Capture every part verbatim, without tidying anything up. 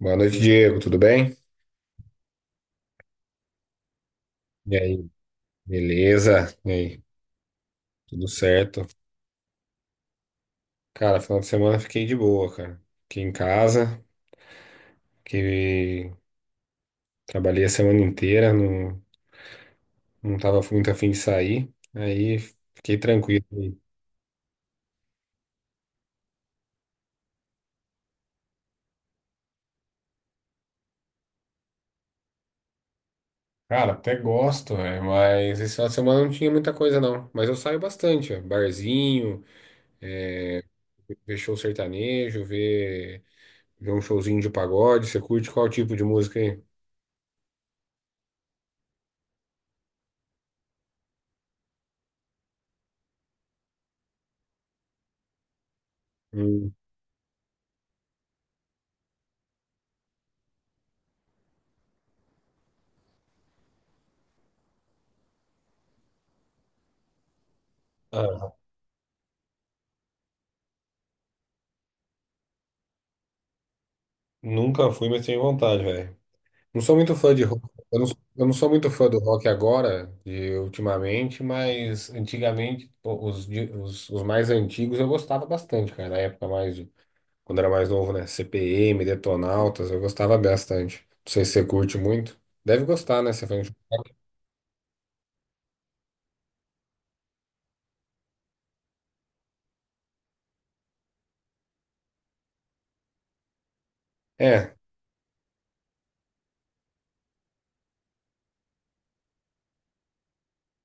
Boa noite, Diego. Tudo bem? E aí, beleza? E aí, tudo certo? Cara, final de semana fiquei de boa, cara. Fiquei em casa, que trabalhei a semana inteira, não, não tava muito afim de sair, aí fiquei tranquilo. Cara, até gosto, velho, mas esse final de semana não tinha muita coisa, não. Mas eu saio bastante, ó. Barzinho, ver show sertanejo, ver, ver um showzinho de pagode. Você curte qual tipo de música aí? Hum. Ah, nunca fui, mas tenho vontade, velho. Não sou muito fã de rock. Eu não, eu não sou muito fã do rock agora, de ultimamente, mas antigamente, pô, os, de- os, os mais antigos eu gostava bastante, cara. Na época mais, de- quando era mais novo, né? C P M, Detonautas, eu gostava bastante. Não sei se você curte muito. Deve gostar, né? Você foi... É,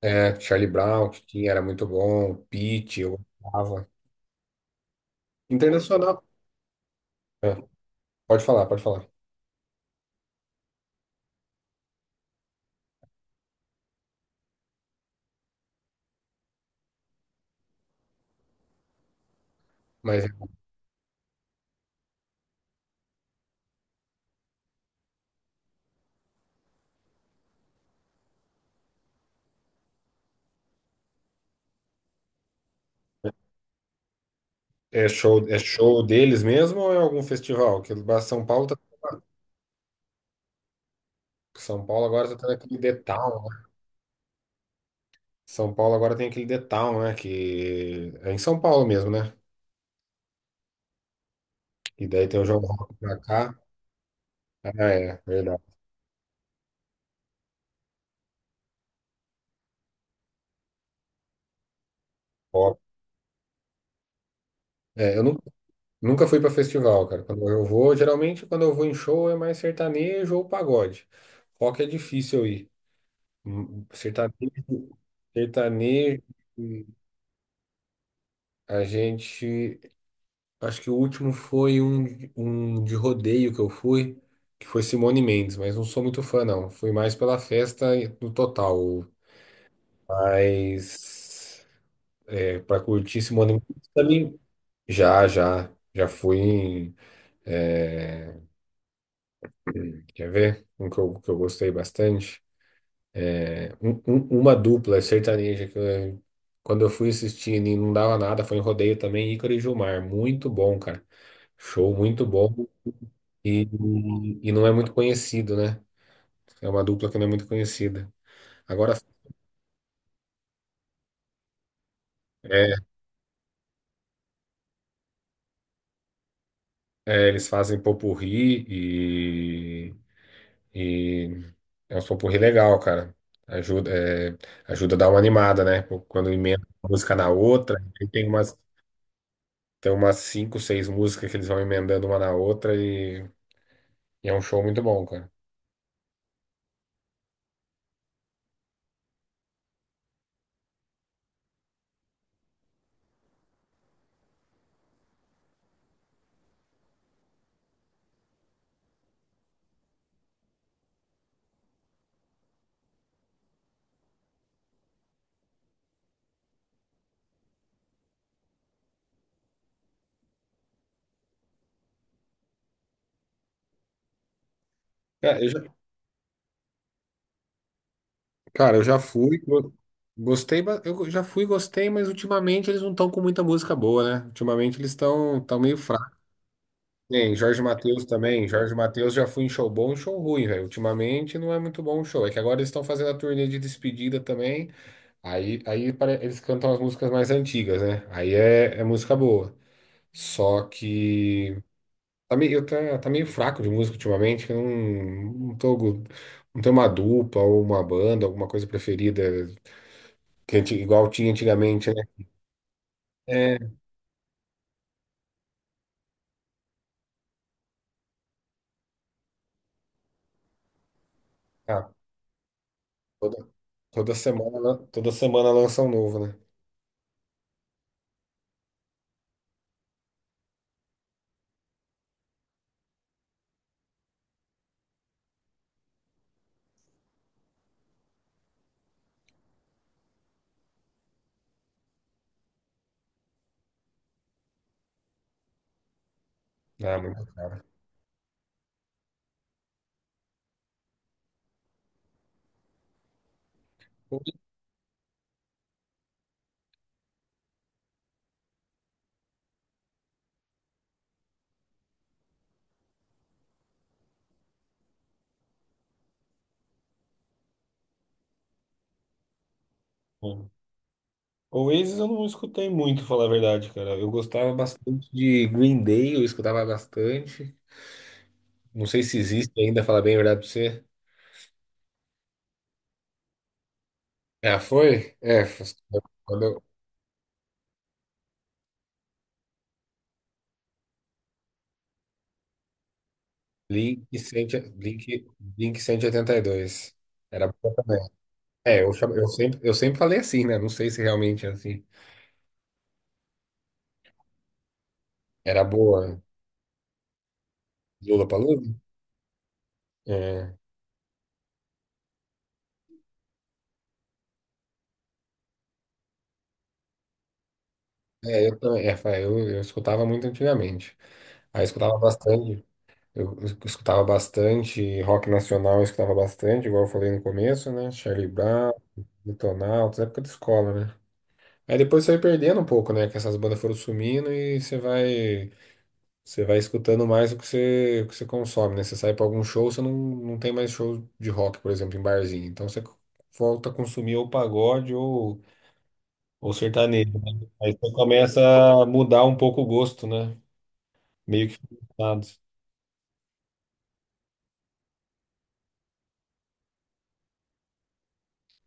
é, Charlie Brown, que tinha, era muito bom. Pitty, eu gostava. Internacional. É, pode falar, pode falar. Mas é é show, é show deles mesmo ou é algum festival? Que São Paulo tá São Paulo agora tá tendo aquele The Town, né? São Paulo agora tem aquele The Town, né? Que é em São Paulo mesmo, né? E daí tem o João Rock pra cá. Ah, é, verdade. Ó, é, eu nunca, nunca fui pra festival, cara. Quando eu vou, geralmente quando eu vou em show é mais sertanejo ou pagode. Rock é difícil eu ir. Hum, Sertanejo, sertanejo, a gente. Acho que o último foi um, um de rodeio que eu fui, que foi Simone Mendes, mas não sou muito fã, não. Fui mais pela festa e- no total. Mas é, para curtir Simone Mendes também. Já, já. Já fui em. É, quer ver? Um que eu, que eu gostei bastante. É, um- um- uma dupla sertaneja que eu- quando eu fui assistir e não dava nada, foi em rodeio também, Ícaro e Gilmar. Muito bom, cara. Show muito bom. E, e não é muito conhecido, né? É uma dupla que não é muito conhecida. Agora, é, é, eles fazem popurrí e, e é um popurrí legal, cara. Ajuda, é, ajuda a dar uma animada, né? Quando emenda uma música na outra, aí tem umas, tem umas cinco, seis músicas que eles vão emendando uma na outra e, e é um show muito bom, cara. É, eu já- cara, eu já fui, go- gostei, ba- eu já fui, gostei, mas ultimamente eles não estão com muita música boa, né? Ultimamente eles estão tão tão meio fracos. Tem Jorge Mateus também. Jorge Mateus já foi em show bom e show ruim, velho. Ultimamente não é muito bom o show. É que agora eles estão fazendo a turnê de despedida também. Aí, aí pare- eles cantam as músicas mais antigas, né? Aí é, é música boa. Só que tá meio, tá, tá meio fraco de música ultimamente. Eu não, não tô, go- não tenho uma dupla ou uma banda, alguma coisa preferida que anti- igual tinha antigamente, né? É, ah, toda, toda semana, toda semana lança um novo, né? Ah, muito cara. Oasis eu não escutei muito, falar a verdade, cara. Eu gostava bastante de Green Day, eu escutava bastante. Não sei se existe ainda, falar bem a verdade pra você. Ah, foi? É, foi- quando eu... Blink, cento Blink, Blink cento e oitenta e dois. Era boa também. É, eu, chamo- eu, sempre, eu sempre falei assim, né? Não sei se realmente é assim. Era boa. Lollapalooza? É, é, eu, também- é, fa- eu, eu escutava muito antigamente. Aí eu escutava bastante. Eu eu escutava bastante rock nacional, eu escutava bastante, igual eu falei no começo, né? Charlie Brown, Detonautas, época de escola, né? Aí depois você vai perdendo um pouco, né? Que essas bandas foram sumindo e você vai, você vai escutando mais o que você, o que você consome, né? Você sai pra algum show, você não, não tem mais show de rock, por exemplo, em barzinho. Então você volta a consumir ou pagode ou, ou sertanejo, né? Aí você começa a mudar um pouco o gosto, né? Meio que.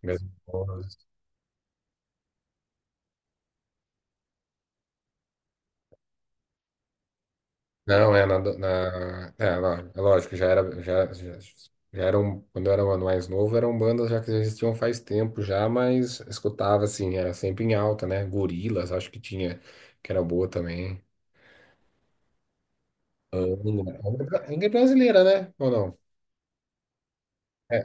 Mas, não, é na, do- na é, lá, é lógico, já era já, já, já eram quando eu era mais novo, eram bandas já que já existiam faz tempo já, mas escutava assim, era sempre em alta, né? Gorilas, acho que tinha que era boa também. Ainda é brasileira, né? Ou não? É,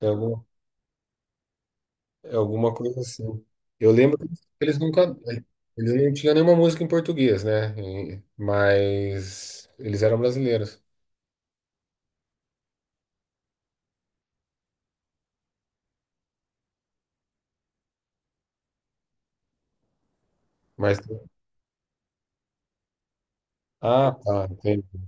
é alguma, é alguma coisa assim. Eu lembro que eles nunca eles não tinham nenhuma música em português, né? E- mas eles eram brasileiros. Mas ah, tá, entendi.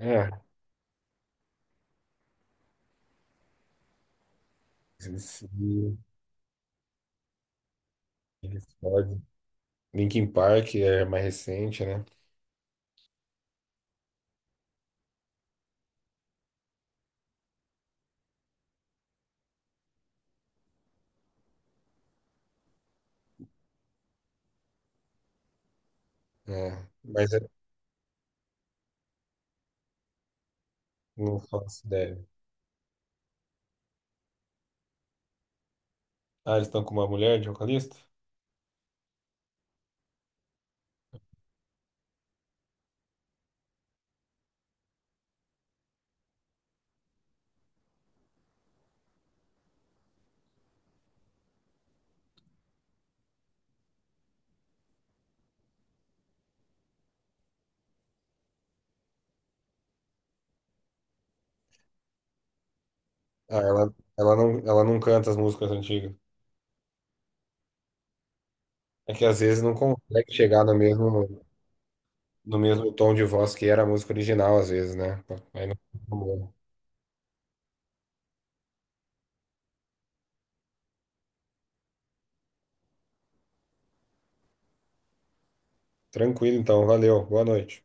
É. Pink Floyd. Linkin Park é mais recente, né? É, mas eu não faço ideia. Ah, eles estão com uma mulher de vocalista? Ah, ela, ela não, ela não canta as músicas antigas. É que às vezes não consegue chegar no mesmo, no mesmo tom de voz que era a música original, às vezes, né? Aí não- fica bom. Tranquilo, então. Valeu. Boa noite.